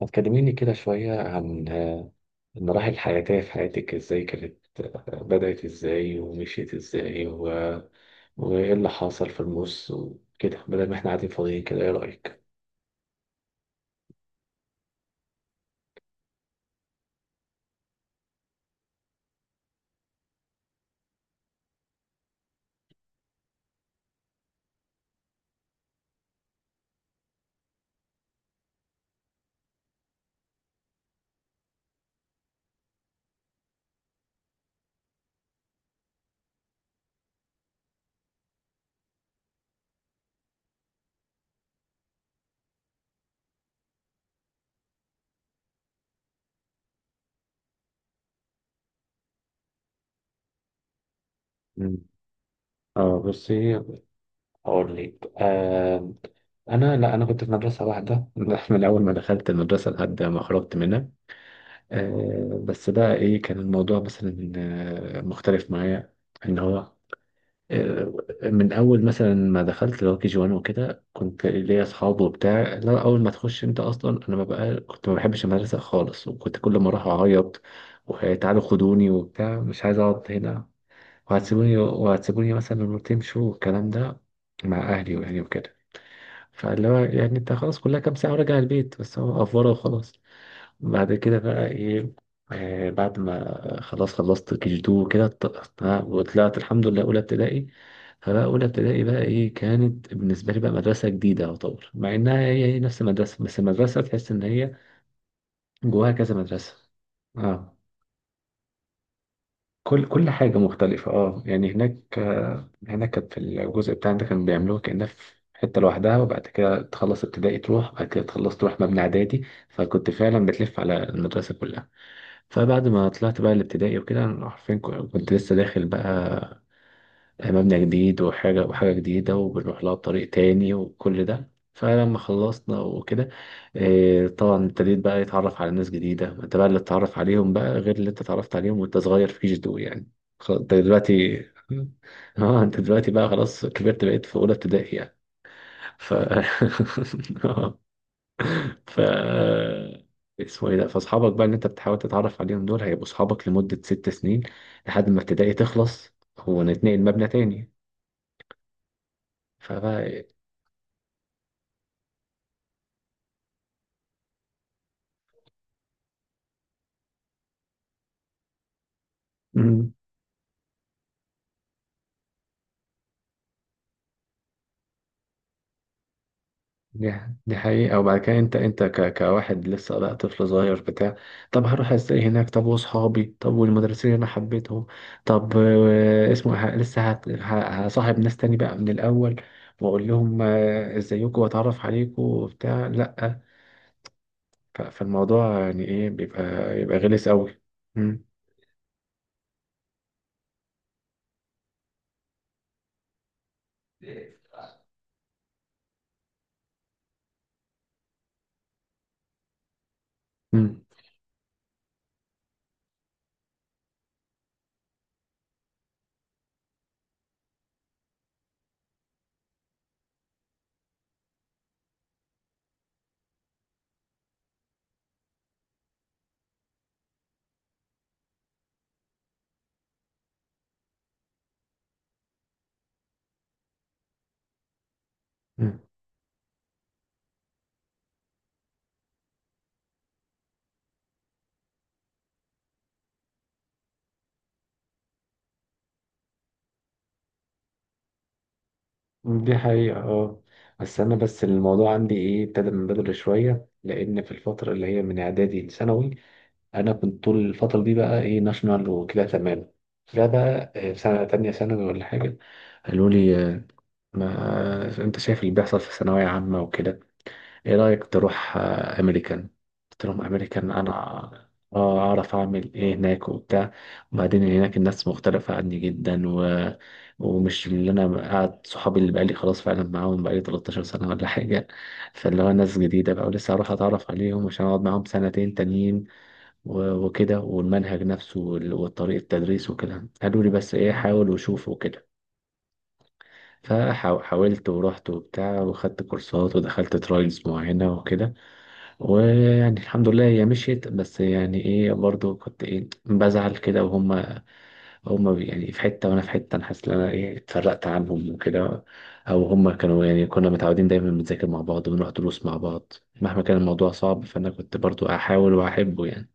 ما تكلميني كده شوية عن المراحل الحياتية في حياتك، ازاي كانت؟ بدأت ازاي ومشيت ازاي وايه اللي حصل في النص وكده، بدل ما احنا قاعدين فاضيين كده؟ ايه رأيك؟ مم. اه بصي، اقول لك. لا انا كنت في مدرسة واحدة من اول ما دخلت المدرسة لحد ما خرجت منها. آه، بس بقى ايه كان الموضوع مثلا، مختلف معايا. ان هو آه، من اول مثلا ما دخلت اللي هو كي جي 1 وكده، كنت ليا اصحاب وبتاع. لا، اول ما تخش انت اصلا، انا ما بقى كنت، ما بحبش المدرسه خالص، وكنت كل ما اروح اعيط وتعالوا خدوني وبتاع، مش عايز اقعد هنا، وهتسيبوني وهتسيبوني مثلا لما تمشوا والكلام ده مع اهلي، واهلي وكده. فاللي هو يعني انت خلاص كلها كام ساعه وراجع البيت، بس هو افوره وخلاص. بعد كده بقى ايه، آه، بعد ما خلاص خلصت كيجي تو كده، وطلعت الحمد لله اولى ابتدائي. فبقى اولى ابتدائي بقى ايه، كانت بالنسبه لي بقى مدرسه جديده يعتبر، مع انها هي نفس المدرسه، بس المدرسه تحس ان هي جواها كذا مدرسه. اه، كل حاجه مختلفه. اه يعني هناك، آه، هناك كانت في الجزء بتاعنا ده كانوا بيعملوها كانها في حته لوحدها، وبعد كده تخلص ابتدائي تروح، بعد كده تخلص تروح مبنى اعدادي. فكنت فعلا بتلف على المدرسه كلها. فبعد ما طلعت بقى الابتدائي وكده، أنا حرفيا كنت لسه داخل بقى مبنى جديد، وحاجة جديدة، وبنروح لها طريق تاني وكل ده. فلما خلصنا وكده، آه، طبعا ابتديت بقى يتعرف على ناس جديدة. ما انت بقى اللي اتعرف عليهم بقى غير اللي انت اتعرفت عليهم وانت صغير، فيش دول يعني. انت دلوقتي اه انت دلوقتي بقى خلاص كبرت، بقيت في اولى ابتدائي يعني. ف ف اسمه ايه ده، فاصحابك بقى اللي انت بتحاول تتعرف عليهم دول هيبقوا اصحابك لمدة ست سنين، لحد ما ابتدائي تخلص ونتنقل مبنى تاني. فبقى مم. دي دي حقيقة. وبعد كده انت كواحد لسه بقى طفل صغير بتاع طب هروح ازاي هناك، طب واصحابي، طب والمدرسين اللي انا حبيتهم، طب آه، اسمه ه... لسه هت... ه... هصاحب ناس تاني بقى من الاول، واقول لهم آه، ازيكم واتعرف عليكم وبتاع. لا، فالموضوع يعني ايه، بيبقى يبقى غلس قوي. مم. مم. مم. دي حقيقة اه. بس أنا، بس الموضوع عندي إيه، ابتدى من بدري شوية، لأن في الفترة اللي هي من إعدادي لثانوي أنا كنت طول الفترة دي بقى إيه ناشونال وكده، تمام. ده بقى آه، في سنة تانية ثانوي ولا حاجة قالوا لي آه، ما أنت شايف اللي بيحصل في ثانوية عامة وكده، ايه رأيك تروح آه، امريكان. قلت لهم امريكان انا، آه، اعرف اعمل ايه هناك وبتاع. وبعدين هناك الناس مختلفة عني جدا ومش اللي انا قاعد صحابي اللي بقالي خلاص فعلا معاهم بقالي 13 سنة ولا حاجة. فاللي هو ناس جديدة بقى، ولسه هروح اتعرف عليهم عشان اقعد معاهم سنتين تانيين وكده، والمنهج نفسه والطريقة التدريس وكده. قالوا لي بس ايه، حاول وشوف وكده. فحاولت ورحت وبتاع، وخدت كورسات ودخلت ترايلز معينة وكده. ويعني الحمد لله هي مشيت، بس يعني ايه برضو كنت ايه، بزعل كده. وهم يعني في حتة وانا في حتة، انا حاسس ان انا ايه اتفرقت عنهم وكده. او هم كانوا يعني كنا متعودين دايما بنذاكر مع بعض، ونروح دروس مع بعض، مهما كان الموضوع صعب. فانا كنت برضو احاول واحبه يعني.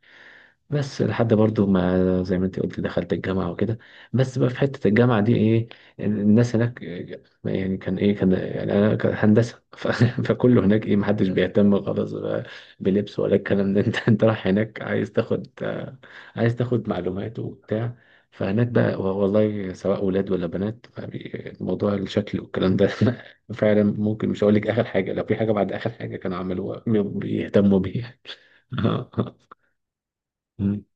بس لحد برضو ما زي ما انت قلت، دخلت الجامعة وكده. بس بقى في حتة الجامعة دي ايه، الناس هناك إيه، يعني كان ايه كان يعني انا كان هندسة فكله هناك ايه، محدش بيهتم خالص بقى بلبس ولا الكلام ده انت رايح هناك عايز تاخد آه، عايز تاخد معلومات وبتاع. فهناك بقى، والله سواء ولاد ولا بنات، موضوع الشكل والكلام ده فعلا ممكن، مش هقول لك اخر حاجة، لو في حاجة بعد اخر حاجة كانوا عملوها بيهتموا بيها.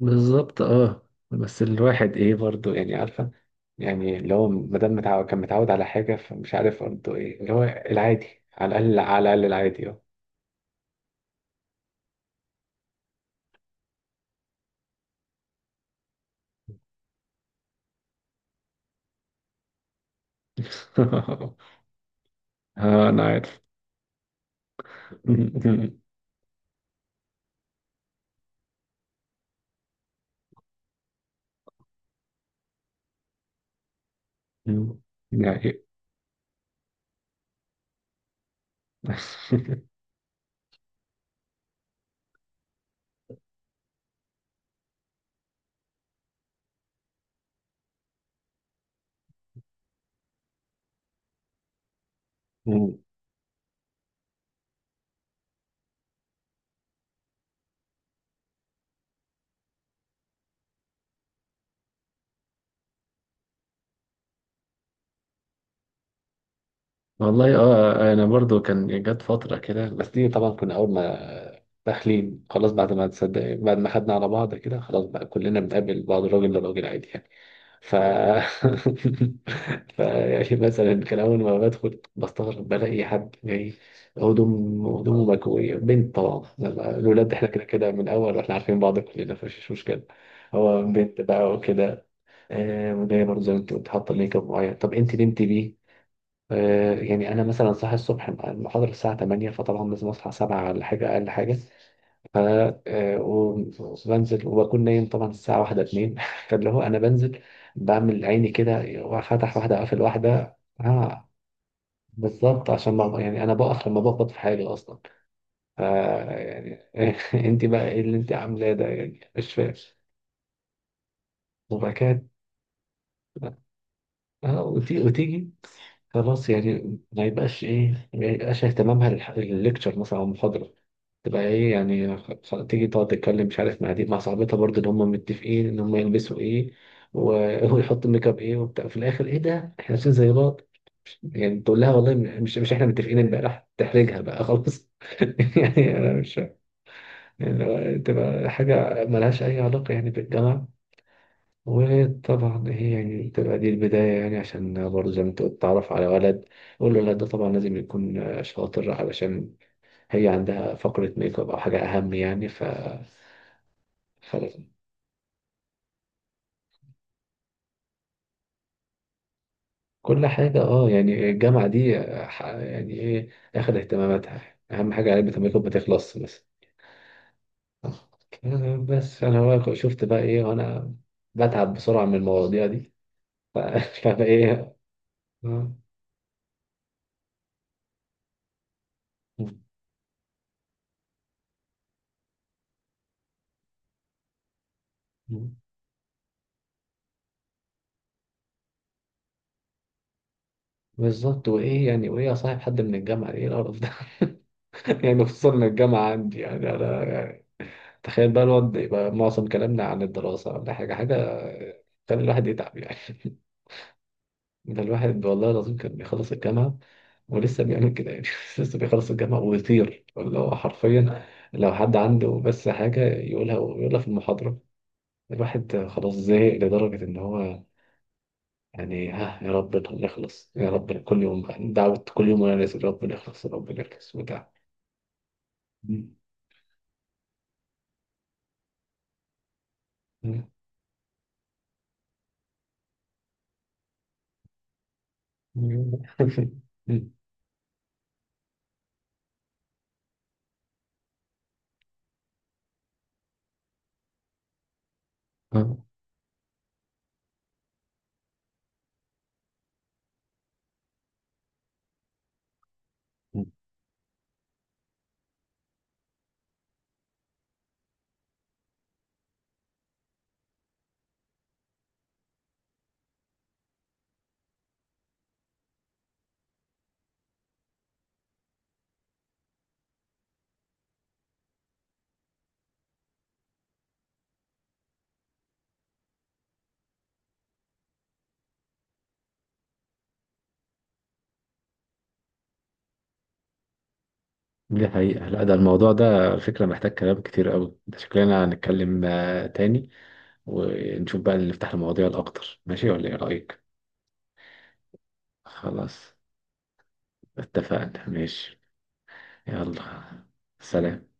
بالظبط اه. بس الواحد ايه برضو يعني، عارفة، يعني اللي هو مادام متعود، كان متعود على حاجة، فمش عارف برضو ايه اللي هو العادي، على الأقل، على الأقل العادي، اه. آه، أنا عارف. يعني. والله اه انا برضو كان جت فتره كده، بس دي طبعا كنا اول ما داخلين خلاص، بعد ما تصدق، بعد ما خدنا على بعض كده، خلاص بقى كلنا بنقابل بعض راجل لراجل عادي يعني. ف ف يعني مثلا كان اول ما بدخل بستغرب، بلاقي حد جاي هدومه مكويه، بنت طبعا. الولاد احنا كده كده من الاول واحنا عارفين بعض كلنا، فمفيش مشكله. هو بنت بقى وكده. آه وجايه برضه زي ما انت قلت حاطه ميك اب معين، طب انت نمتي بيه؟ آه، يعني انا مثلا صاحي الصبح، المحاضره الساعه 8 فطبعا لازم اصحى 7 على حاجه، اقل حاجه. ف آه، وبنزل وبكون نايم طبعا الساعه 1 2 فاللي هو انا بنزل، بعمل عيني كده، وفتح واحده قافل واحده، ها. بالظبط عشان ما، يعني انا بقف لما بقبض في حالي اصلا. ف يعني انت بقى ايه اللي انت عاملاه ده يعني، مش فاهم. وبعد كده آه، وتيجي خلاص، يعني ما يبقاش ايه، ما يبقاش اهتمامها للليكتشر مثلا او المحاضره. تبقى ايه يعني تيجي تقعد تتكلم مش عارف مع دي، مع صاحبتها برضه، اللي هم متفقين ان هم يلبسوا ايه ويحطوا ميك اب ايه وبتاع، في الاخر ايه ده، احنا لابسين زي بعض. يعني تقول لها والله مش احنا متفقين امبارح، تحرجها بقى خلاص. يعني انا مش، يعني تبقى حاجه ملهاش اي علاقه يعني بالجامعه. وطبعا هي يعني بتبقى دي البداية يعني، عشان برضه زي ما انت قلت، تعرف على ولد. والولد ده طبعا لازم يكون شاطر، علشان هي عندها فقرة ميك اب أو حاجة أهم يعني. ف... كل حاجة اه يعني الجامعة دي يعني ايه، اخد اهتماماتها يعني. أهم حاجة علبة الميك اب ما تخلص بس. آه بس أنا بقى شفت بقى ايه، وأنا بتعب بسرعة من المواضيع دي. ف... فأنا ايه آه. بالظبط، وايه يعني، وايه اصاحب حد من الجامعه، ايه القرف ده! يعني خصوصا ان الجامعه عندي، يعني انا يعني تخيل بقى الواد يبقى معظم كلامنا عن الدراسه ولا حاجه تخلي الواحد يتعب يعني. ده الواحد والله العظيم كان بيخلص الجامعه ولسه بيعمل كده يعني. لسه بيخلص الجامعه ويطير، اللي هو حرفيا لو حد عنده بس حاجه يقولها، يقولها في المحاضره. الواحد خلاص زهق لدرجه ان هو يعني، ها، يا رب نخلص، يا رب، كل يوم دعوة، كل يوم وانا نازل يا رب نخلص يا رب نخلص وبتاع. آه. دي حقيقة. لا ده الموضوع ده على فكرة محتاج كلام كتير قوي، ده شكلنا هنتكلم آه، تاني، ونشوف بقى اللي، نفتح المواضيع الأكتر. ماشي ولا إيه رأيك؟ خلاص، اتفقنا، ماشي. يلا. سلام.